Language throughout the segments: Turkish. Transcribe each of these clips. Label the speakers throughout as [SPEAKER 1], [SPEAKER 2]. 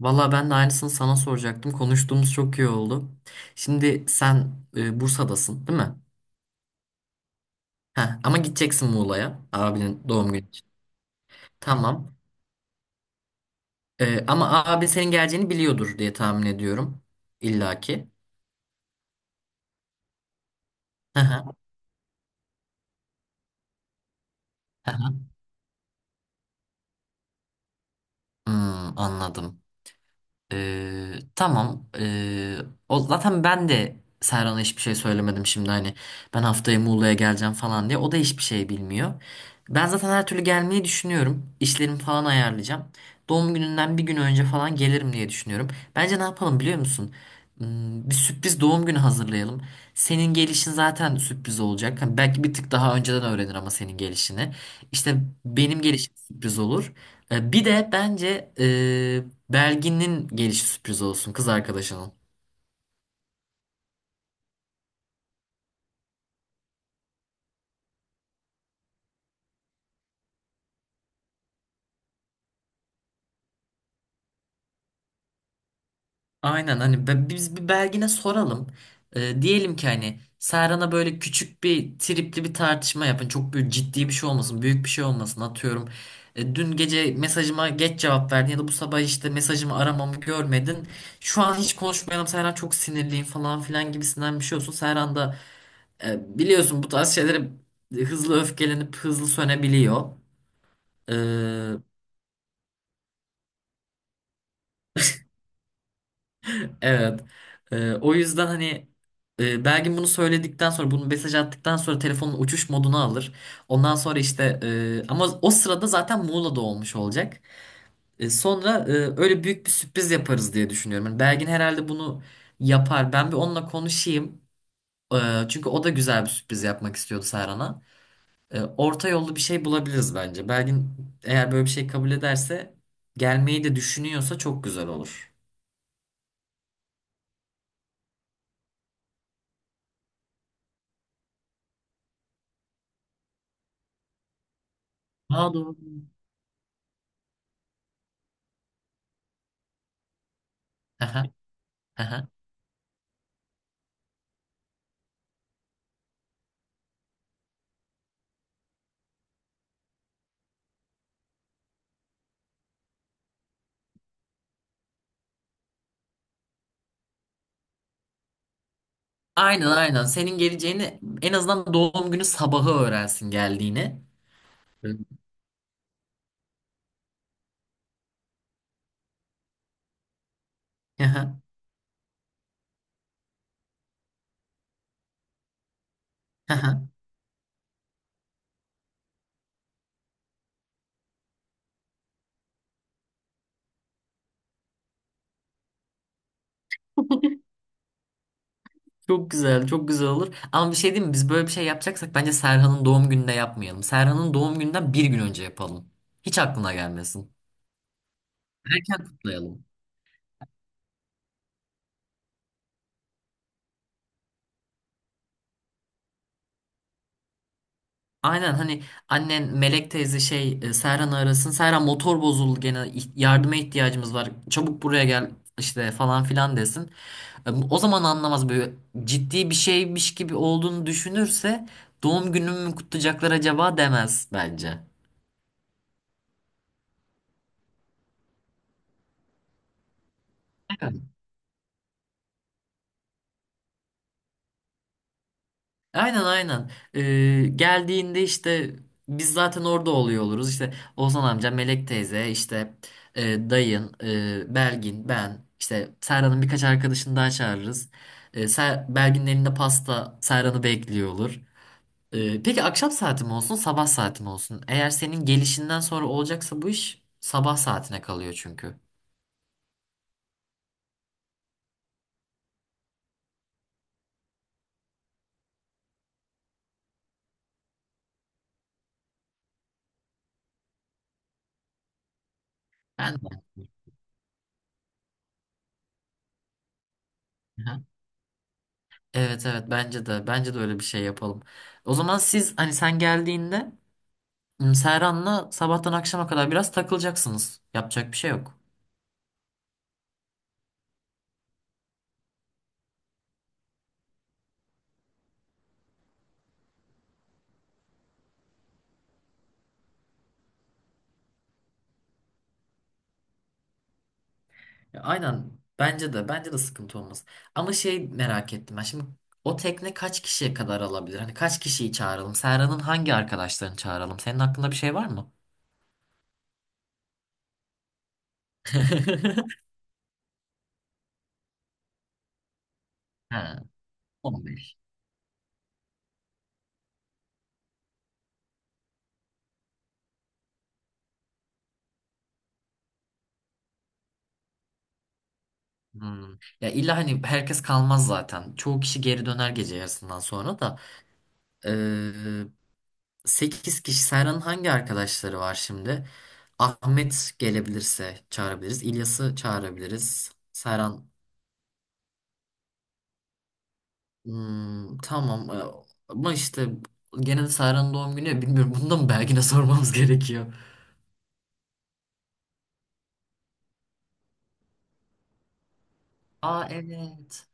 [SPEAKER 1] Valla ben de aynısını sana soracaktım. Konuştuğumuz çok iyi oldu. Şimdi sen Bursa'dasın, değil mi? Heh, ama gideceksin Muğla'ya abinin doğum günü için. Tamam. Ama abi senin geleceğini biliyordur diye tahmin ediyorum. İlla ki. Hı hı, hı hı. Hmm, anladım. Tamam. O zaten ben de Serhan'a hiçbir şey söylemedim şimdi hani ben haftaya Muğla'ya geleceğim falan diye. O da hiçbir şey bilmiyor. Ben zaten her türlü gelmeyi düşünüyorum. İşlerimi falan ayarlayacağım. Doğum gününden bir gün önce falan gelirim diye düşünüyorum. Bence ne yapalım biliyor musun? Bir sürpriz doğum günü hazırlayalım. Senin gelişin zaten sürpriz olacak. Hani belki bir tık daha önceden öğrenir ama senin gelişini. İşte benim gelişim sürpriz olur. Bir de bence Belgin'in gelişi sürpriz olsun kız arkadaşının. Aynen hani biz bir Belgin'e soralım. Diyelim ki hani Serhan'a böyle küçük bir tripli bir tartışma yapın. Çok büyük ciddi bir şey olmasın, büyük bir şey olmasın atıyorum. Dün gece mesajıma geç cevap verdin ya da bu sabah işte mesajımı aramamı görmedin. Şu an hiç konuşmayalım Serhan çok sinirliyim falan filan gibisinden bir şey olsun. Serhan da biliyorsun bu tarz şeylere hızlı öfkelenip hızlı sönebiliyor. E, Evet. O yüzden hani Belgin bunu söyledikten sonra bunu mesaj attıktan sonra telefonun uçuş moduna alır. Ondan sonra işte ama o sırada zaten Muğla'da olmuş olacak. Sonra öyle büyük bir sürpriz yaparız diye düşünüyorum. Yani Belgin herhalde bunu yapar. Ben bir onunla konuşayım. E, çünkü o da güzel bir sürpriz yapmak istiyordu Serhan'a. Orta yollu bir şey bulabiliriz bence. Belgin eğer böyle bir şey kabul ederse gelmeyi de düşünüyorsa çok güzel olur. Aa, doğru. Aha, aha. Aynen, aynen. Senin geleceğini en azından doğum günü sabahı öğrensin geldiğini. Evet. Aha, aha. Çok güzel, çok güzel olur. Ama bir şey diyeyim mi? Biz böyle bir şey yapacaksak bence Serhan'ın doğum gününde yapmayalım. Serhan'ın doğum gününden bir gün önce yapalım. Hiç aklına gelmesin. Erken kutlayalım. Aynen hani annen Melek teyze şey Serhan'ı arasın. Serhan motor bozuldu gene yardıma ihtiyacımız var. Çabuk buraya gel işte falan filan desin. O zaman anlamaz, böyle ciddi bir şeymiş gibi olduğunu düşünürse doğum günümü mü kutlayacaklar acaba demez bence. Evet. Aynen, aynen. Geldiğinde işte biz zaten orada oluyor oluruz. İşte Ozan amca, Melek teyze, işte dayın, Belgin, ben, işte Serhan'ın birkaç arkadaşını daha çağırırız. Belgin'in elinde pasta Serhan'ı bekliyor olur. Peki akşam saati mi olsun, sabah saati mi olsun? Eğer senin gelişinden sonra olacaksa bu iş sabah saatine kalıyor çünkü. Ben de. Aha. Evet, evet, bence de bence de öyle bir şey yapalım. O zaman siz hani sen geldiğinde Serhan'la sabahtan akşama kadar biraz takılacaksınız. Yapacak bir şey yok. Ya, aynen, bence de bence de sıkıntı olmaz. Ama şey, merak ettim ben şimdi, o tekne kaç kişiye kadar alabilir? Hani kaç kişiyi çağıralım? Serhan'ın hangi arkadaşlarını çağıralım? Senin aklında bir şey var mı? Ha, 15. Hmm. Ya illa hani herkes kalmaz zaten. Çoğu kişi geri döner gece yarısından sonra da. Ee, 8 kişi. Serhan'ın hangi arkadaşları var şimdi? Ahmet gelebilirse çağırabiliriz. İlyas'ı çağırabiliriz. Serhan. Hmm, tamam. Ama işte gene de Serhan'ın doğum günü. Bilmiyorum. Bunu da mı Belgin'e sormamız gerekiyor? Aa, evet.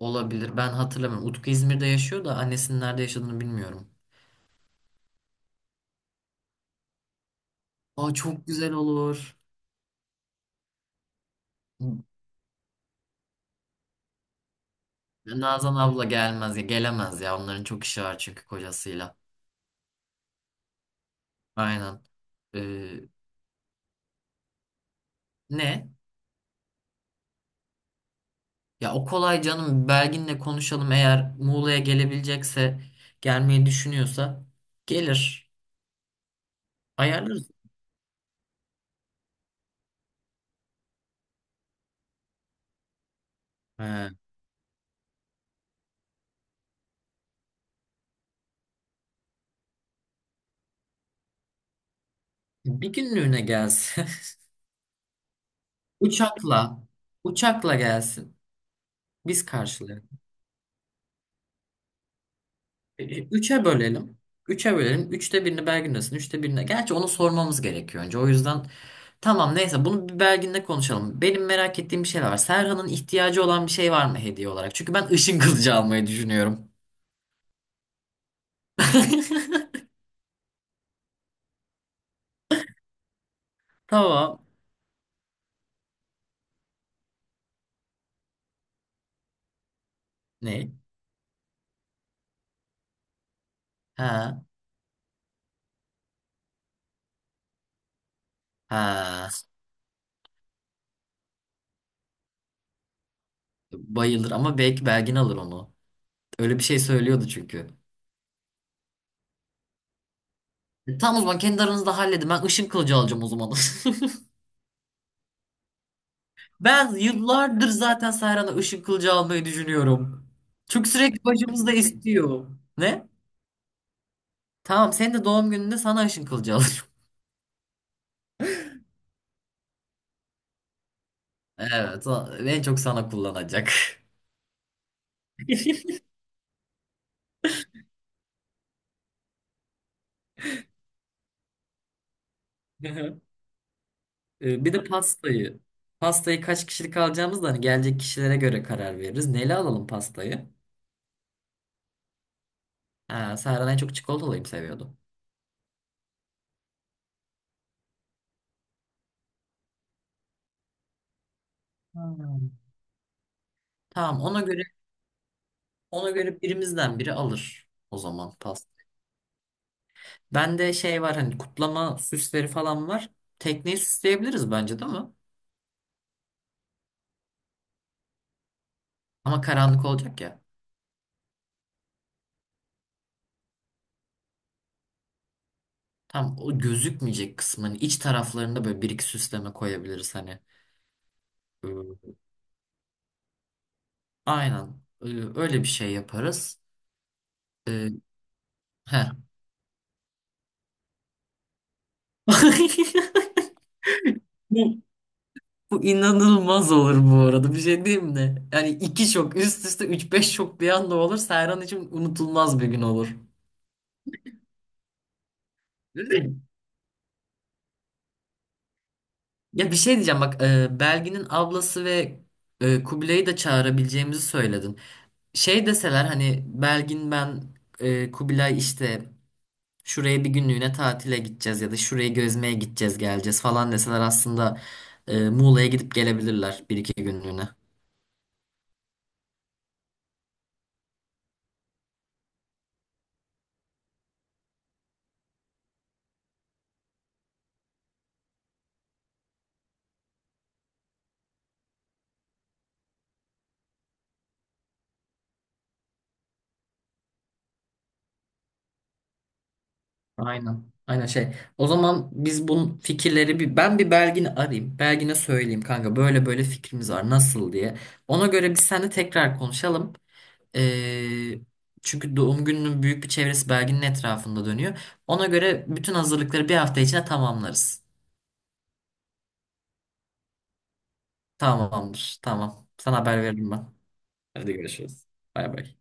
[SPEAKER 1] Olabilir. Ben hatırlamıyorum. Utku İzmir'de yaşıyor da annesinin nerede yaşadığını bilmiyorum. Aa, çok güzel olur. Nazan abla gelmez ya, gelemez ya, onların çok işi var çünkü kocasıyla. Aynen. Ee, ne? Ya o kolay canım, Belgin'le konuşalım, eğer Muğla'ya gelebilecekse gelmeyi düşünüyorsa gelir. Ayarlarız. He. Bir günlüğüne gelsin. Uçakla uçakla gelsin. Biz karşılayalım. Üçe bölelim. Üçe bölelim. Üçte birini Belgin'desin. Üçte birine. Gerçi onu sormamız gerekiyor önce. O yüzden tamam, neyse, bunu bir Belgin'le konuşalım. Benim merak ettiğim bir şeyler var. Serhan'ın ihtiyacı olan bir şey var mı hediye olarak? Çünkü ben ışın kılıcı almayı düşünüyorum. Tamam. Ne? Ha. Ha. Bayılır, ama belki Belgin alır onu. Öyle bir şey söylüyordu çünkü. Tamam, o zaman kendi aranızda halledin. Ben ışın kılıcı alacağım o zaman. Ben yıllardır zaten Sayran'a ışın kılıcı almayı düşünüyorum. Çünkü sürekli başımızda istiyor. Ne? Tamam, senin de doğum gününde sana ışın kılıcı alırım. Evet, en çok sana kullanacak. Hı. Bir de pastayı. Pastayı kaç kişilik alacağımız da hani gelecek kişilere göre karar veririz. Neyle alalım pastayı? Ha, Sayran en çok çikolatalıyı seviyordu. Hmm. Tamam, ona göre ona göre birimizden biri alır o zaman. Bende şey var, hani kutlama süsleri falan var. Tekneyi süsleyebiliriz bence, değil mi? Ama karanlık olacak ya. Tam o gözükmeyecek kısmın iç taraflarında böyle bir iki süsleme koyabiliriz hani. Ee, Aynen. Ee, Öyle bir şey yaparız. Ee, heh. Bu, bu inanılmaz olur bu arada. Bir şey diyeyim mi? Yani iki şok üst üste, üç beş şok bir anda olur. Serhan için unutulmaz bir gün olur. Ya bir şey diyeceğim bak, Belgin'in ablası ve Kubilay'ı da çağırabileceğimizi söyledin. Şey deseler hani Belgin, ben Kubilay işte şuraya bir günlüğüne tatile gideceğiz ya da şurayı gezmeye gideceğiz geleceğiz falan deseler aslında Muğla'ya gidip gelebilirler bir iki günlüğüne. Aynen. Aynen şey. O zaman biz bunun fikirleri bir ben bir Belgin'i arayayım. Belgin'e söyleyeyim, kanka böyle böyle fikrimiz var nasıl diye. Ona göre biz seninle tekrar konuşalım. Ee, çünkü doğum gününün büyük bir çevresi Belgin'in etrafında dönüyor. Ona göre bütün hazırlıkları bir hafta içinde tamamlarız. Tamamdır. Tamam. Sana haber veririm ben. Hadi görüşürüz. Bay bay.